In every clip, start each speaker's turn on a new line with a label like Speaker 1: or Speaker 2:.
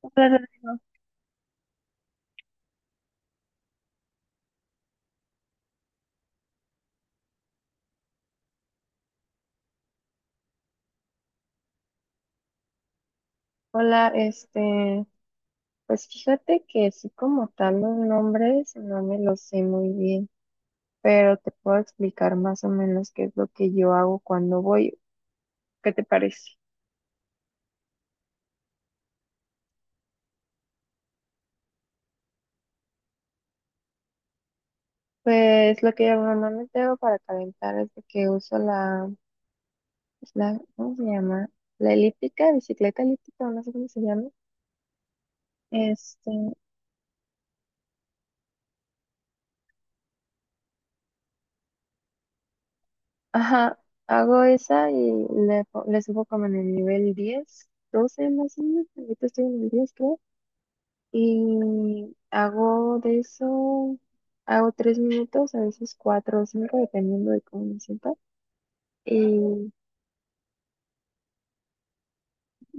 Speaker 1: Hola, Rodrigo. Hola, pues fíjate que sí como tal los nombres no me los sé muy bien, pero te puedo explicar más o menos qué es lo que yo hago cuando voy. ¿Qué te parece? Pues lo que yo normalmente hago para calentar es de que uso la, pues, la, ¿cómo se llama? La elíptica, bicicleta elíptica, o no sé cómo se llama. Este, ajá, hago esa y le subo como en el nivel 10, 12 más o menos. Ahorita estoy en el 10. Y hago de eso, hago tres minutos, a veces cuatro o cinco, dependiendo de cómo me sienta. Y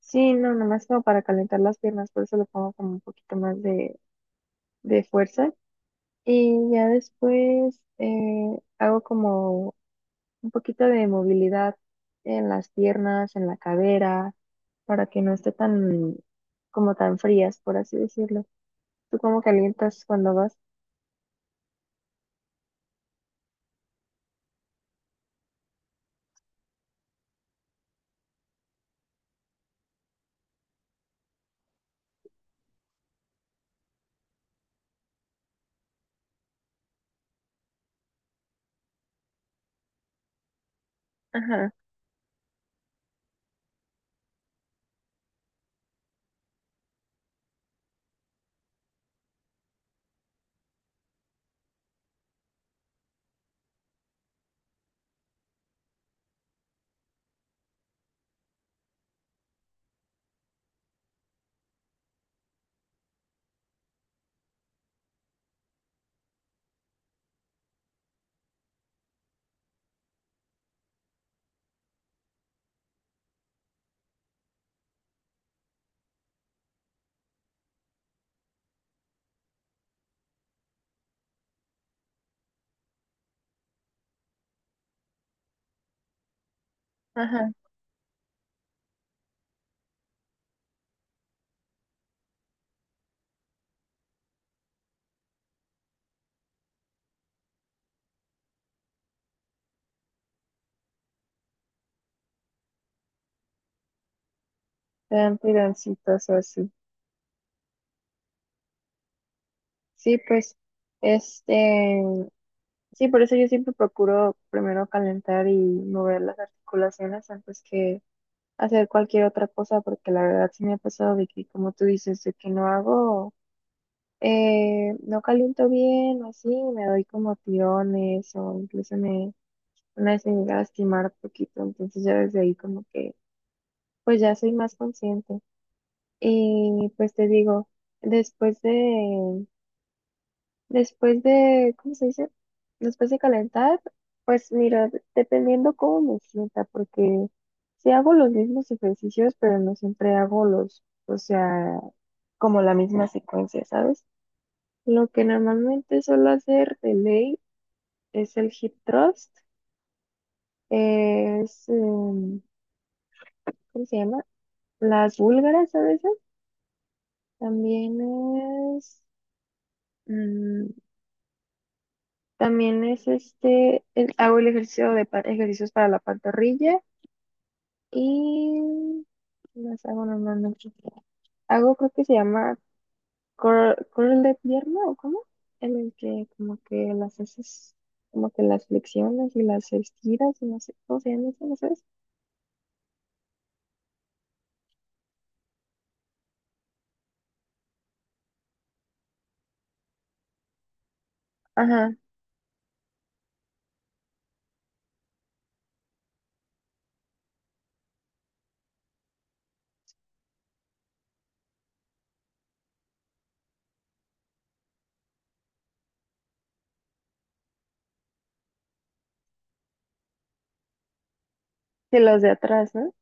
Speaker 1: sí, no, nomás como para calentar las piernas, por eso le pongo como un poquito más de fuerza. Y ya después hago como un poquito de movilidad en las piernas, en la cadera, para que no esté tan, como tan frías, por así decirlo. ¿Tú cómo calientas cuando vas? Ajá, ajá. Te dan tironcitos o así. Sí, pues, este, sí, por eso yo siempre procuro primero calentar y mover las articulaciones antes que hacer cualquier otra cosa, porque la verdad sí me ha pasado de que, como tú dices, de que no hago, no caliento bien o así, me doy como tirones o incluso me, una vez me llegué a lastimar poquito, entonces ya desde ahí como que, pues ya soy más consciente. Y pues te digo, después de, después de, ¿cómo se dice? Después de calentar, pues mira, dependiendo cómo me sienta, porque si hago los mismos ejercicios, pero no siempre hago los, o sea, como la misma secuencia, ¿sabes? Lo que normalmente suelo hacer de ley es el hip thrust, es, ¿cómo se llama? Las búlgaras a veces, también es... mm, también es, hago el ejercicio ejercicios para la pantorrilla. Y las hago normalmente. Hago, creo que se llama curl de pierna, ¿o cómo? En el que como que las haces, como que las flexiones y las estiras y no sé cómo se llama eso, ¿no sabes? Ajá, que los de atrás, ¿no?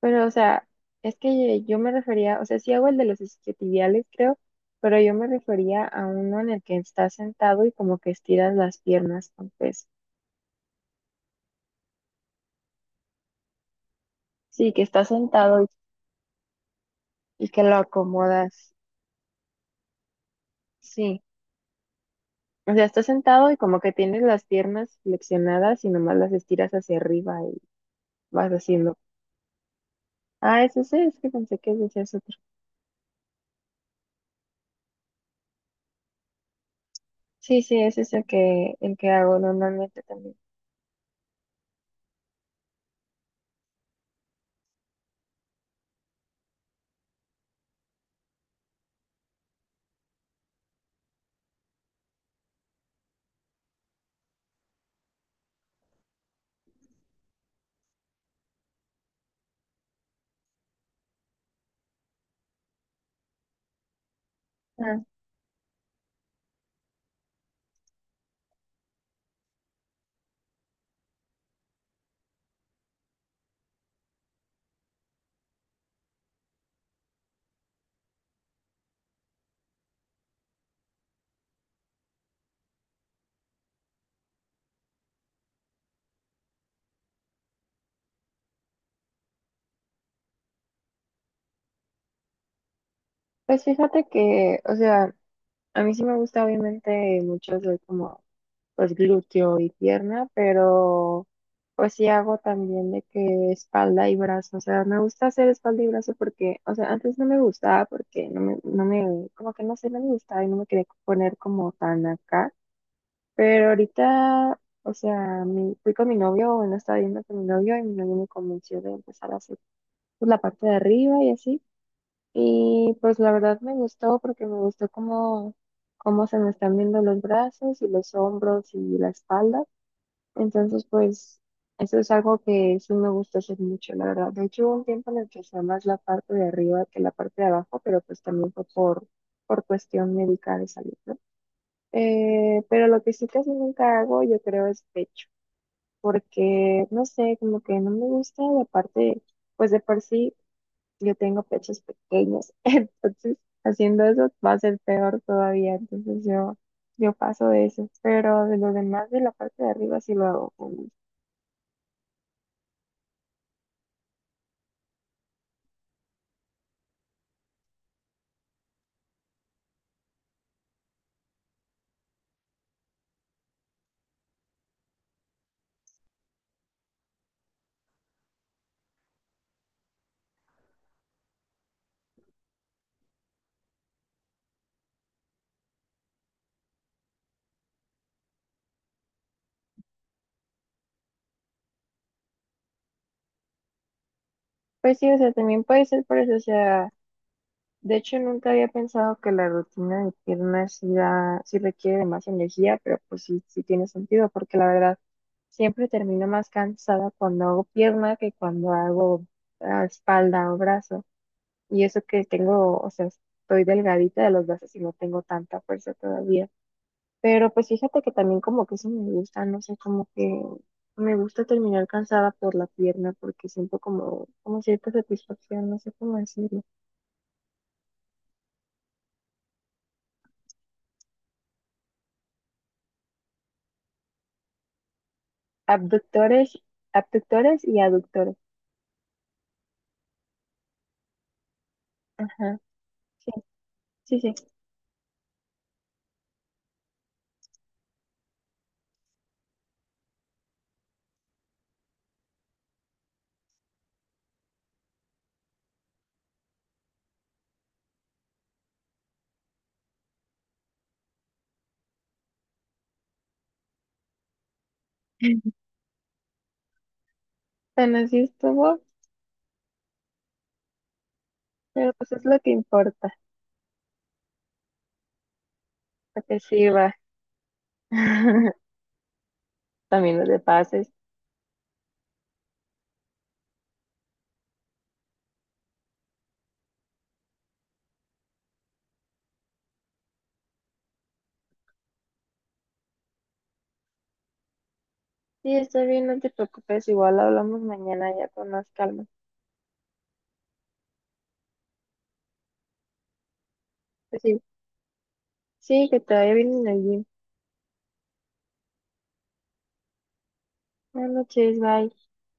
Speaker 1: Pero, o sea, es que yo me refería, o sea, sí hago el de los isquiotibiales, creo, pero yo me refería a uno en el que estás sentado y como que estiras las piernas con peso. Sí, que estás sentado y que lo acomodas. Sí. O sea, estás sentado y como que tienes las piernas flexionadas y nomás las estiras hacia arriba y vas haciendo. Ah, es ese, es que pensé que ese es otro. Sí, sí, ese es el que hago normalmente también. Ah, pues fíjate que, o sea, a mí sí me gusta obviamente mucho hacer como pues glúteo y pierna, pero pues sí hago también de que espalda y brazo, o sea, me gusta hacer espalda y brazo porque, o sea, antes no me gustaba porque no me, como que no sé, no me gustaba y no me quería poner como tan acá, pero ahorita, o sea, fui con mi novio, bueno, estaba viendo con mi novio y mi novio me convenció de empezar a hacer pues, la parte de arriba y así, y pues la verdad me gustó porque me gustó como cómo se me están viendo los brazos y los hombros y la espalda. Entonces, pues, eso es algo que sí me gusta hacer mucho, la verdad. De hecho, hubo un tiempo en el que usaba más la parte de arriba que la parte de abajo, pero pues también fue por cuestión médica de salud, ¿no? Pero lo que sí casi nunca hago, yo creo, es pecho, porque, no sé, como que no me gusta la parte, pues de por sí, yo tengo pechos pequeños, entonces, haciendo eso va a ser peor todavía, entonces yo. Yo paso de eso, pero de lo demás de la parte de arriba sí lo hago. Pues sí, o sea, también puede ser por eso, o sea, de hecho nunca había pensado que la rutina de piernas sí requiere de más energía, pero pues sí, sí tiene sentido, porque la verdad siempre termino más cansada cuando hago pierna que cuando hago espalda o brazo. Y eso que tengo, o sea, estoy delgadita de los brazos y no tengo tanta fuerza todavía. Pero pues fíjate que también como que eso me gusta, no sé, como que me gusta terminar cansada por la pierna porque siento como, como cierta satisfacción, no sé cómo decirlo. Abductores, abductores y aductores. Ajá, sí, sí, sí. Tan así estuvo, pero pues es lo que importa, porque sí va. También los de pases. Sí, está bien, no te preocupes, igual hablamos mañana ya con más calma. Pues sí, sí, que te vaya bien en el gym. Buenas noches, bye.